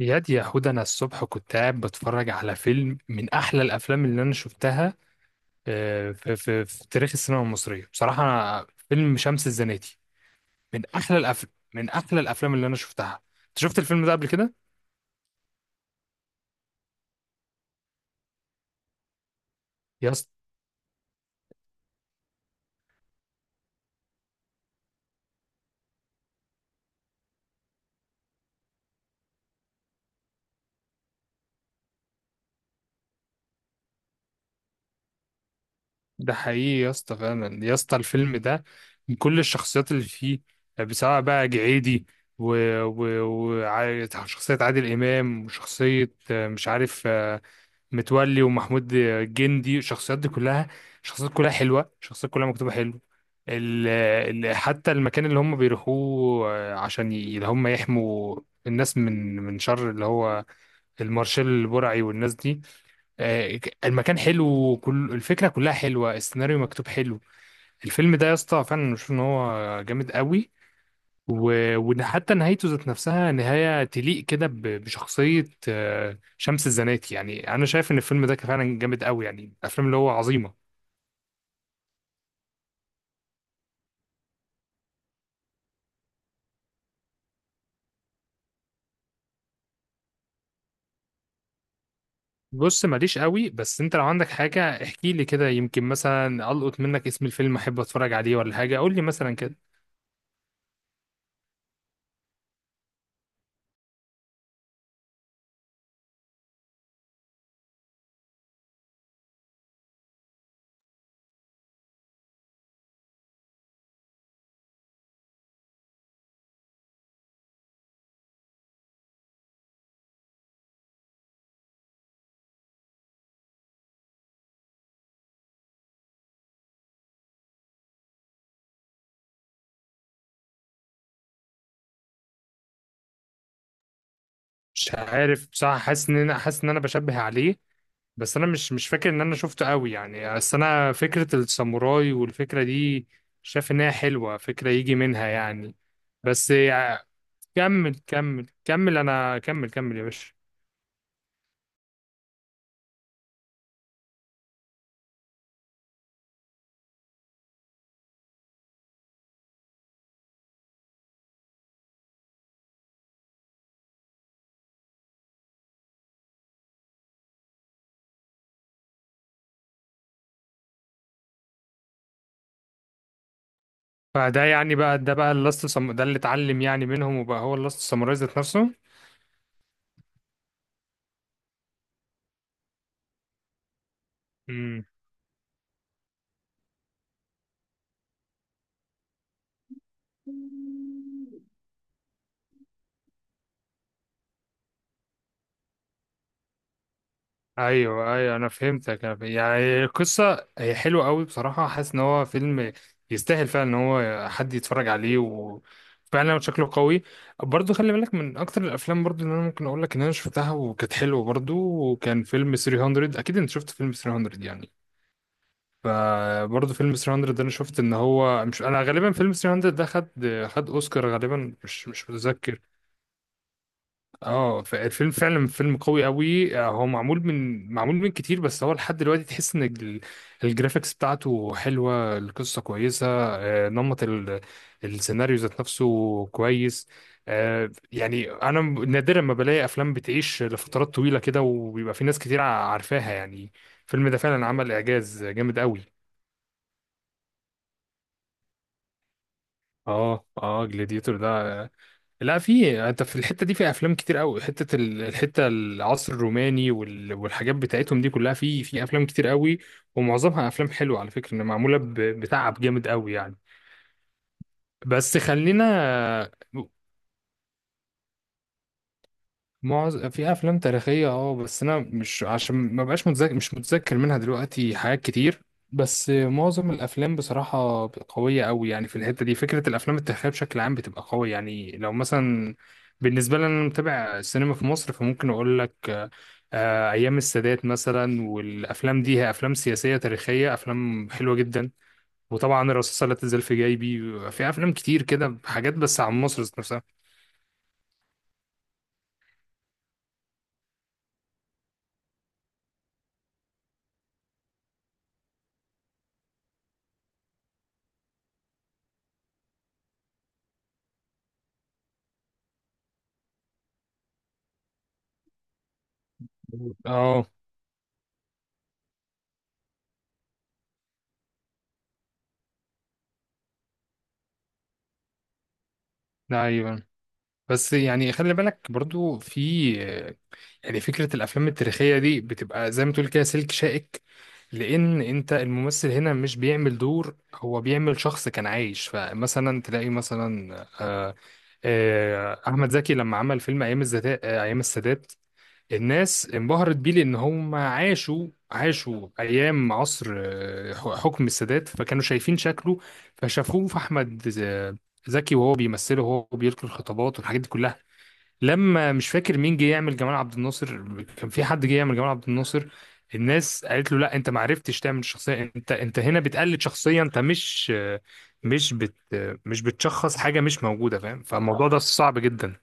ياد يا حود انا الصبح كنت قاعد بتفرج على فيلم من احلى الافلام اللي انا شفتها. في تاريخ السينما المصريه بصراحه أنا فيلم شمس الزناتي من احلى الافلام، من احلى الافلام اللي انا شفتها. انت شفت الفيلم ده قبل كده يا اسطى؟ ده حقيقي يا اسطى، فعلا يا اسطى الفيلم ده من كل الشخصيات اللي فيه. سواء بقى جعيدي وشخصية شخصية عادل إمام، وشخصية مش عارف، متولي، ومحمود جندي. الشخصيات دي كلها شخصيات كلها حلوة، شخصيات كلها مكتوبة حلو. ال ال حتى المكان اللي هم بيروحوه عشان اللي هم يحموا الناس من شر اللي هو المارشال البرعي والناس دي. المكان حلو، وكل الفكرة كلها حلوة، السيناريو مكتوب حلو. الفيلم ده يا اسطى فعلا بشوف ان هو جامد قوي. وحتى نهايته ذات نفسها نهاية تليق كده بشخصية شمس الزناتي. يعني أنا شايف إن الفيلم ده كان فعلا جامد قوي، يعني الأفلام اللي هو عظيمة. بص ماليش قوي، بس أنت لو عندك حاجة احكي لي كده، يمكن مثلا ألقط منك اسم الفيلم أحب أتفرج عليه ولا حاجة، قول لي مثلا كده. مش عارف بصراحة، حاسس إن أنا، حاسس إن أنا بشبه عليه، بس أنا مش فاكر إن أنا شفته قوي يعني. بس أنا فكرة الساموراي والفكرة دي شايف إنها حلوة، فكرة يجي منها يعني. بس كمل انا، كمل يا باشا. فده يعني بقى، ده بقى اللاست سم... ده اللي اتعلم يعني منهم وبقى هو اللاست ساموراي ذات نفسه. امم ايوه ايوه، انا فهمتك. أنا يعني القصه هي حلوه قوي بصراحه، حاسس ان هو فيلم يستاهل فعلا ان هو حد يتفرج عليه، وفعلا شكله قوي. برضو خلي بالك من اكتر الافلام برضو اللي انا ممكن اقول لك ان انا شفتها وكانت حلوه برضو، وكان فيلم 300. اكيد انت شفت فيلم 300 يعني. فبرضه فيلم 300 ده انا شفت ان هو، مش انا غالبا فيلم 300 ده خد، خد اوسكار، غالبا مش متذكر. اه فالفيلم فعلا فيلم قوي قوي. هو معمول من، معمول من كتير، بس هو لحد دلوقتي تحس ان الجرافيكس بتاعته حلوه، القصه كويسه، نمط السيناريو ذات نفسه كويس. يعني انا نادرا ما بلاقي افلام بتعيش لفترات طويله كده وبيبقى في ناس كتير عارفاها يعني. الفيلم ده فعلا عمل اعجاز جامد قوي. اه اه، جلاديتور ده. لا، في انت في الحته دي في افلام كتير قوي، حته الحته العصر الروماني والحاجات بتاعتهم دي كلها، في افلام كتير قوي، ومعظمها افلام حلوه على فكره، ان معموله بتعب جامد قوي يعني. بس خلينا. معظم، في افلام تاريخيه اه، بس انا مش، عشان ما بقاش متذكر مش متذكر منها دلوقتي حاجات كتير. بس معظم الافلام بصراحه قويه قوي يعني في الحته دي، فكره الافلام التاريخيه بشكل عام بتبقى قويه يعني. لو مثلا بالنسبه لي انا متابع السينما في مصر، فممكن اقول لك ايام السادات مثلا، والافلام دي هي افلام سياسيه تاريخيه، افلام حلوه جدا. وطبعا الرصاصه لا تزال في جيبي، في افلام كتير كده حاجات بس عن مصر ذات نفسها. اه ايوه. بس يعني خلي بالك برضو، في يعني فكرة الأفلام التاريخية دي بتبقى زي ما تقول كده سلك شائك، لأن أنت الممثل هنا مش بيعمل دور، هو بيعمل شخص كان عايش. فمثلا تلاقي مثلا، آه، أحمد زكي لما عمل فيلم أيام أيام السادات، الناس انبهرت بيه، لأن هم عاشوا، عاشوا أيام عصر حكم السادات، فكانوا شايفين شكله، فشافوه في أحمد زكي وهو بيمثله وهو بيلقي الخطابات والحاجات دي كلها. لما، مش فاكر مين جه يعمل جمال عبد الناصر، كان في حد جه يعمل جمال عبد الناصر، الناس قالت له لا، انت ما عرفتش تعمل شخصيه، انت هنا بتقلد شخصيه، انت مش بت مش بتشخص حاجه مش موجوده، فاهم؟ فالموضوع ده صعب جدا.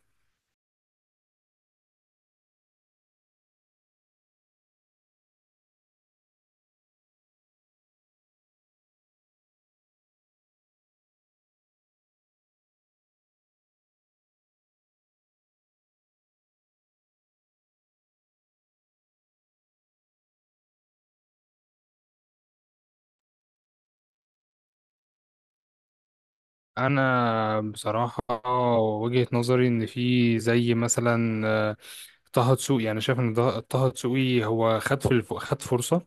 انا بصراحه وجهه نظري ان في زي مثلا، طه دسوقي، انا شايف ان طه دسوقي هو خد خد فرصه،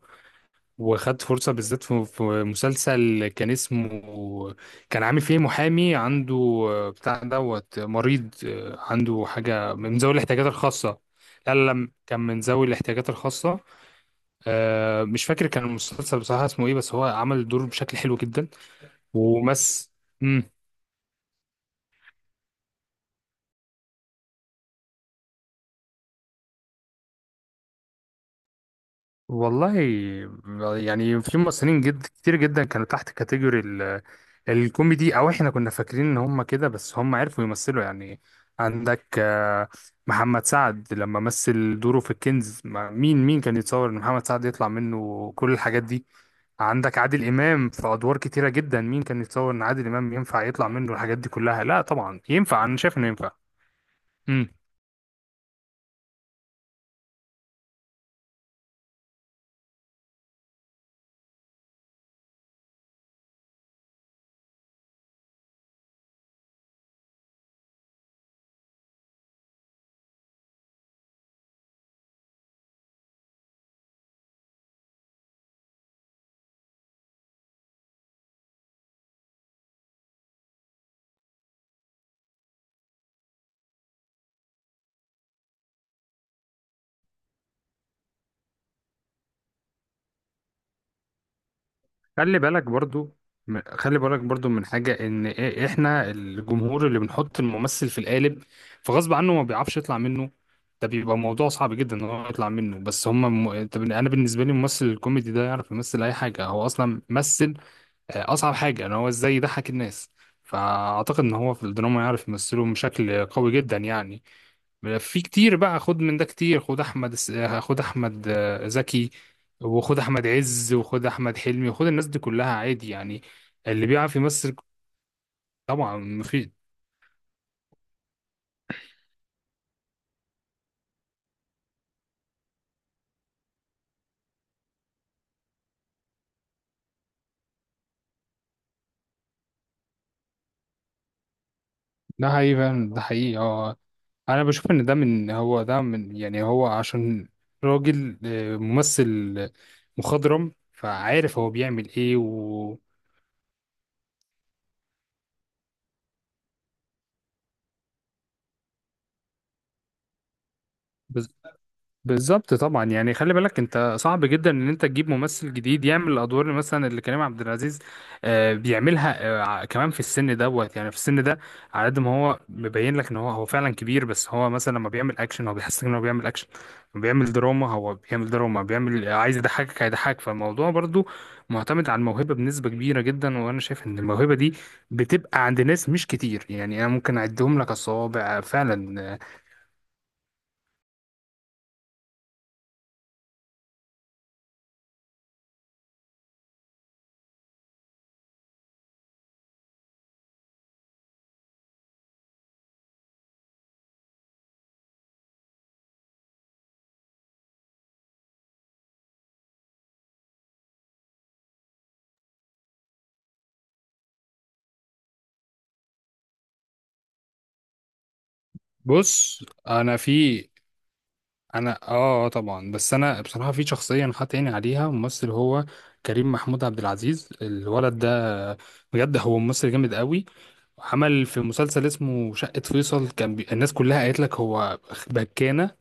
وخدت فرصة بالذات في مسلسل كان اسمه، كان عامل فيه محامي عنده، بتاع دوت، مريض، عنده حاجة من ذوي الاحتياجات الخاصة. لا لا لا، كان من ذوي الاحتياجات الخاصة. مش فاكر كان المسلسل بصراحة اسمه ايه، بس هو عمل الدور بشكل حلو جدا. ومس، والله يعني في ممثلين جد كتير جدا كانوا تحت كاتيجوري الكوميدي، او احنا كنا فاكرين ان هم كده، بس هم عرفوا يمثلوا يعني. عندك محمد سعد لما مثل دوره في الكنز، مين كان يتصور ان محمد سعد يطلع منه كل الحاجات دي؟ عندك عادل امام في ادوار كتيرة جدا، مين كان يتصور ان عادل امام ينفع يطلع منه الحاجات دي كلها؟ لا طبعا ينفع، انا شايف انه ينفع. امم. خلي بالك برضو، خلي بالك برضو من حاجة، ان احنا الجمهور اللي بنحط الممثل في القالب، فغصب عنه ما بيعرفش يطلع منه، ده بيبقى موضوع صعب جدا ان هو يطلع منه. بس هما م... انت انا بالنسبة لي الممثل الكوميدي ده يعرف يمثل اي حاجة، هو اصلا مثل اصعب حاجة، ان هو ازاي يضحك الناس. فاعتقد ان هو في الدراما يعرف يمثله بشكل قوي جدا يعني. في كتير بقى، خد من ده كتير، خد خد احمد زكي، وخد احمد عز، وخد احمد حلمي، وخد الناس دي كلها عادي يعني، اللي بيعرف يمثل طبعا مفيد. ده حقيقي فعلا، ده حقيقي اه. انا بشوف ان ده من، هو ده من، يعني هو عشان راجل ممثل مخضرم، فعارف هو بيعمل ايه. و بالظبط طبعا. يعني خلي بالك انت صعب جدا ان انت تجيب ممثل جديد يعمل الادوار اللي مثلا اللي كريم عبد العزيز بيعملها، كمان في السن دوت، يعني في السن ده. على قد ما هو مبين لك ان هو هو فعلا كبير، بس هو مثلا لما بيعمل اكشن هو بيحسسك ان هو بيعمل اكشن، لما بيعمل دراما هو بيعمل دراما، بيعمل عايز يضحكك هيضحكك. فالموضوع برضو معتمد على الموهبة بنسبة كبيرة جدا، وانا شايف ان الموهبة دي بتبقى عند ناس مش كتير يعني، انا ممكن اعدهم لك على الصوابع فعلا. بص انا في، انا اه، آه طبعا. بس انا بصراحه في شخصيه انا حاطط عيني عليها ممثل، هو كريم محمود عبد العزيز الولد ده، بجد هو ممثل جامد قوي. عمل في مسلسل اسمه شقه فيصل، كان بي... الناس كلها قالت لك هو بكانه،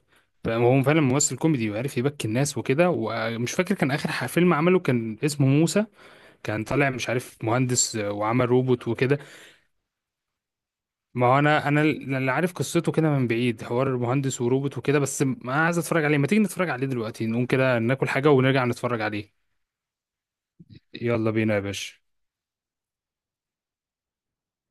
هو فعلا ممثل كوميدي وعارف يبكي الناس وكده. ومش فاكر كان اخر فيلم عمله كان اسمه موسى، كان طالع مش عارف مهندس وعمل روبوت وكده. ما هو انا اللي عارف قصته كده من بعيد، حوار المهندس وروبوت وكده، بس ما عايز اتفرج عليه. ما تيجي نتفرج عليه دلوقتي، نقوم كده ناكل حاجة ونرجع نتفرج عليه. يلا بينا يا باشا.